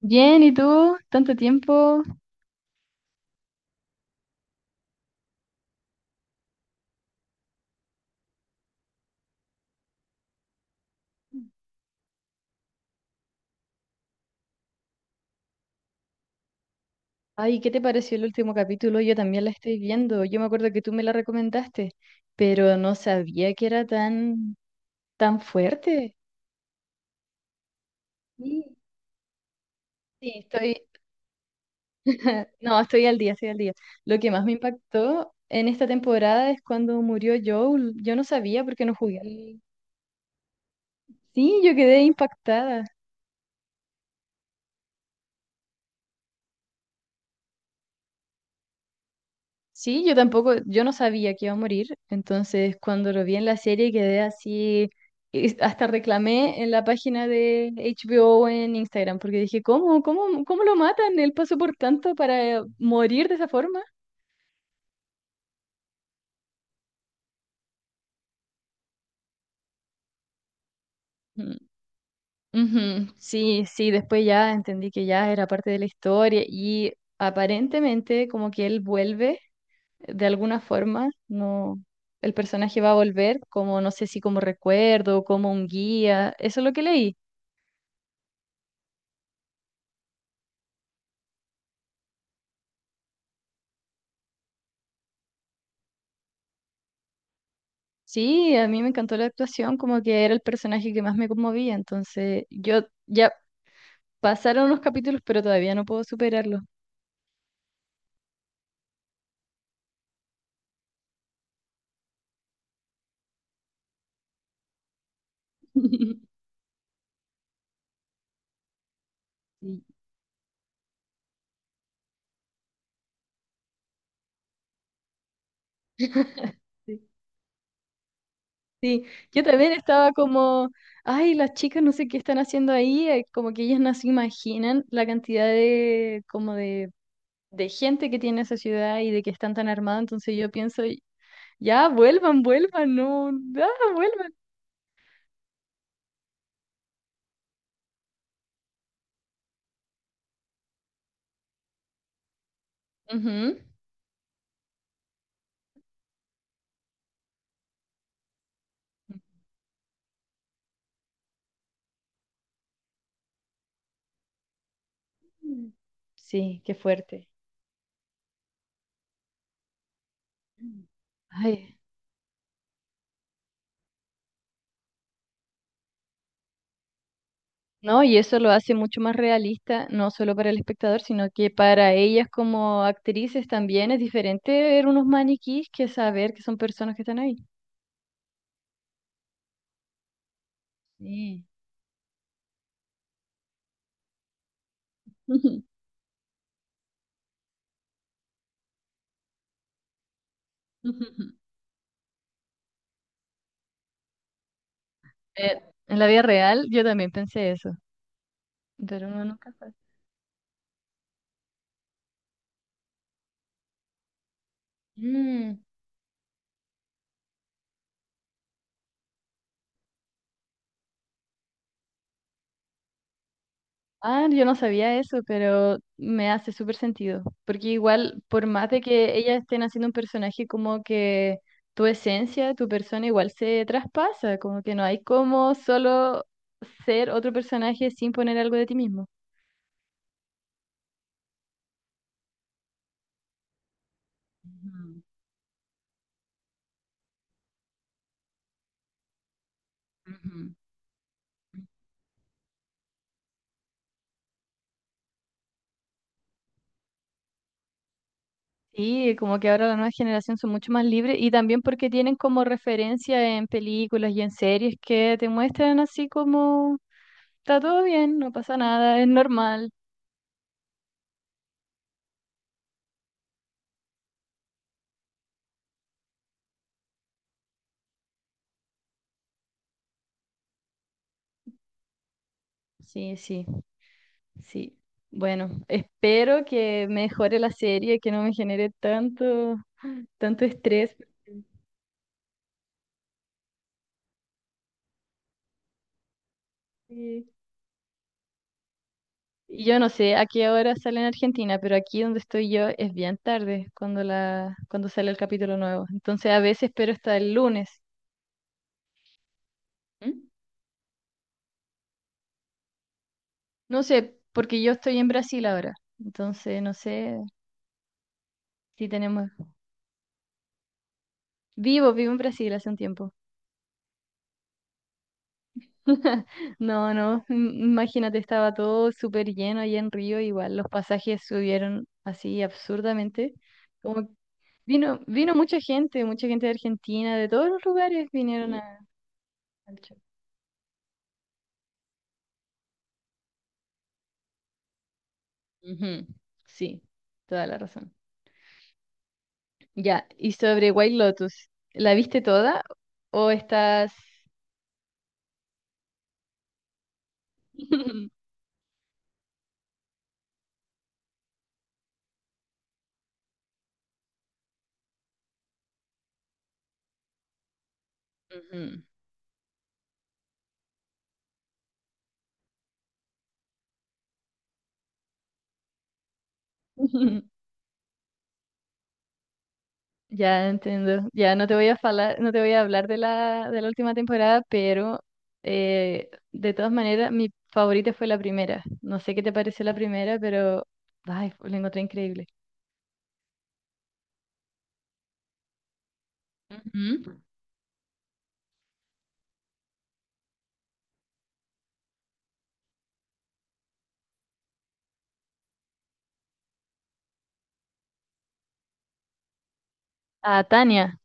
Bien, ¿y tú? ¿Tanto tiempo? Ay, ¿qué te pareció el último capítulo? Yo también la estoy viendo. Yo me acuerdo que tú me la recomendaste, pero no sabía que era tan, tan fuerte. Sí, sí, estoy, no, estoy al día, estoy al día. Lo que más me impactó en esta temporada es cuando murió Joel. Yo no sabía porque no jugué. Sí, yo quedé impactada. Sí, yo tampoco, yo no sabía que iba a morir, entonces cuando lo vi en la serie quedé así, y hasta reclamé en la página de HBO en Instagram, porque dije, ¿cómo, cómo, cómo lo matan? Él pasó por tanto para morir de esa forma. Mm, ujú. Sí, sí, después ya entendí que ya era parte de la historia y aparentemente como que él vuelve de alguna forma, no, el personaje va a volver como, no sé si como recuerdo, como un guía, eso es lo que leí. Sí, a mí me encantó la actuación, como que era el personaje que más me conmovía, entonces yo ya pasaron unos capítulos, pero todavía no puedo superarlo. Sí. Sí, sí, yo también estaba como, ay, las chicas no sé qué están haciendo ahí, como que ellas no se imaginan la cantidad de, de gente que tiene esa ciudad y de que están tan armados, entonces yo pienso, ya, vuelvan, vuelvan, no, ya, vuelvan. Ujú. Mm. Sí, qué fuerte. Ay, no, y eso lo hace mucho más realista, no solo para el espectador, sino que para ellas como actrices también es diferente ver unos maniquís que saber que son personas que están ahí. Sí. Eh, en la vida real yo también pensé eso, pero uno nunca sabe. Mm. Ah, yo no sabía eso, pero me hace súper sentido, porque igual, por más de que ellas estén haciendo un personaje como que tu esencia, tu persona igual se traspasa, como que no hay como solo ser otro personaje sin poner algo de ti mismo. Ujú, ujú. Sí, como que ahora la nueva generación son mucho más libres y también porque tienen como referencia en películas y en series que te muestran así como está todo bien, no pasa nada, es normal. Sí, sí. Sí. Bueno, espero que mejore la serie, que no me genere tanto, tanto estrés. Sí. Y yo no sé a qué hora sale en Argentina, pero aquí donde estoy yo es bien tarde cuando la, cuando sale el capítulo nuevo. Entonces a veces espero hasta el lunes. ¿Mm? No sé, porque yo estoy en Brasil ahora. Entonces no sé si tenemos. Vivo en Brasil hace un tiempo. No, no, imagínate, estaba todo súper lleno allá en Río, igual los pasajes subieron así absurdamente. Como vino mucha gente de Argentina, de todos los lugares vinieron al show. Ujú. Sí, toda la razón. Ya, y sobre White Lotus, ¿la viste toda o estás... Ujú. Ya entiendo. Ya no te voy a falar- No te voy a hablar de la última temporada, pero de todas maneras, mi favorita fue la primera. No sé qué te pareció la primera, pero ay, la encontré increíble. Ujú. A Tania.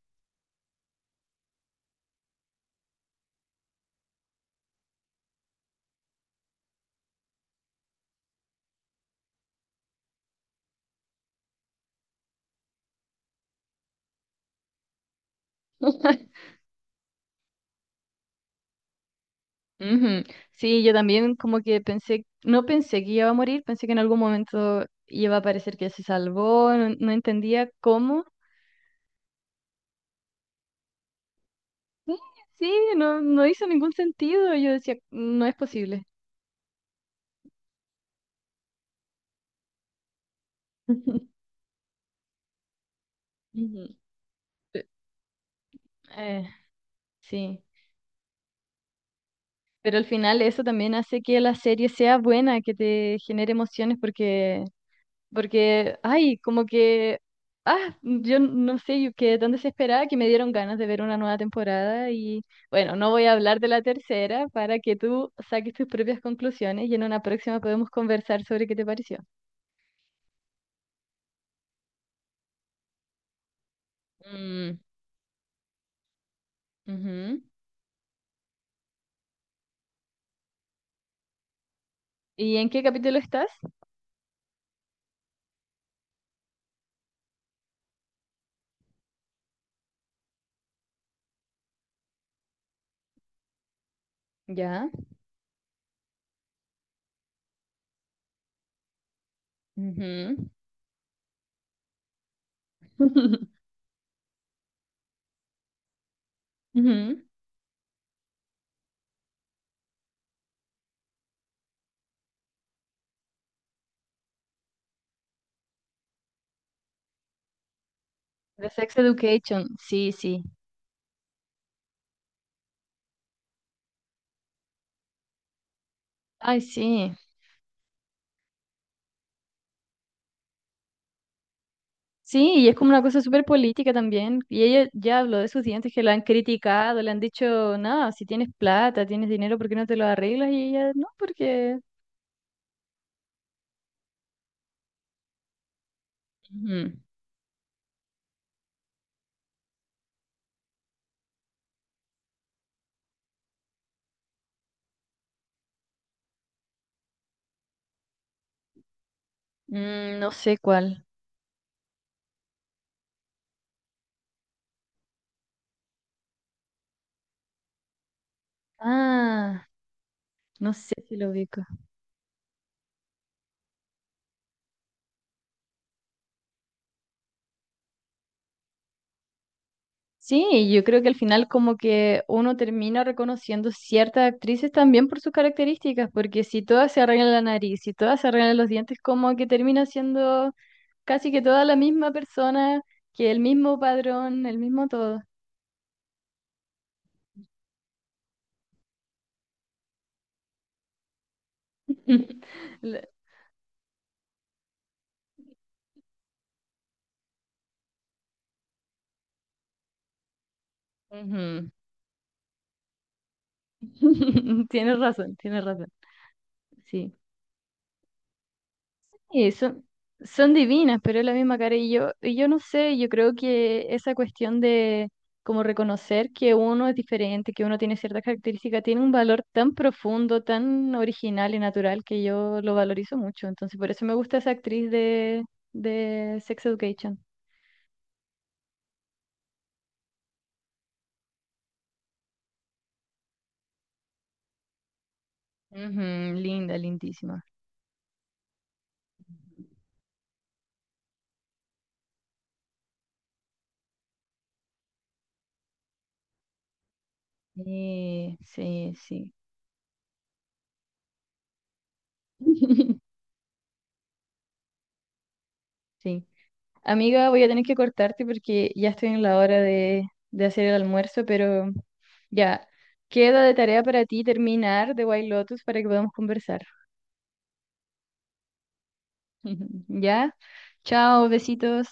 Ujú. Sí, yo también como que pensé, no pensé que iba a morir, pensé que en algún momento iba a parecer que se salvó, no, no entendía cómo. Sí, sí, no, no hizo ningún sentido. Yo decía, no es posible. Ujú. Eh, sí, pero al final eso también hace que la serie sea buena, que te genere emociones porque, porque, ay, como que, ah, yo no sé, yo quedé tan desesperada que me dieron ganas de ver una nueva temporada y bueno, no voy a hablar de la tercera para que tú saques tus propias conclusiones y en una próxima podemos conversar sobre qué te pareció. Mm, ujú. ¿Y en qué capítulo estás? Ya. Ujú. Ujú. The Sex Education, sí, sí. Ay, sí. Sí, y es como una cosa súper política también. Y ella ya habló de sus dientes que la han criticado, le han dicho, no, si tienes plata, tienes dinero, ¿por qué no te lo arreglas? Y ella, no, porque... Ujú. Mm, no sé cuál. Ah, no sé si lo ubico. Sí, yo creo que al final como que uno termina reconociendo ciertas actrices también por sus características, porque si todas se arreglan la nariz, si todas se arreglan los dientes, como que termina siendo casi que toda la misma persona, que el mismo padrón, el mismo todo. La- Ujú. Tienes razón, tienes razón. Sí. Y son, son divinas, pero es la misma cara. Y yo no sé, yo creo que esa cuestión de como reconocer que uno es diferente, que uno tiene ciertas características, tiene un valor tan profundo, tan original y natural que yo lo valorizo mucho. Entonces, por eso me gusta esa actriz de Sex Education. Ujú, linda, lindísima. Sí, sí, sí. Sí. Amiga, voy a tener que cortarte porque ya estoy en la hora de hacer el almuerzo, pero ya, queda de tarea para ti terminar de White Lotus para que podamos conversar. ¿Ya? Chao, besitos.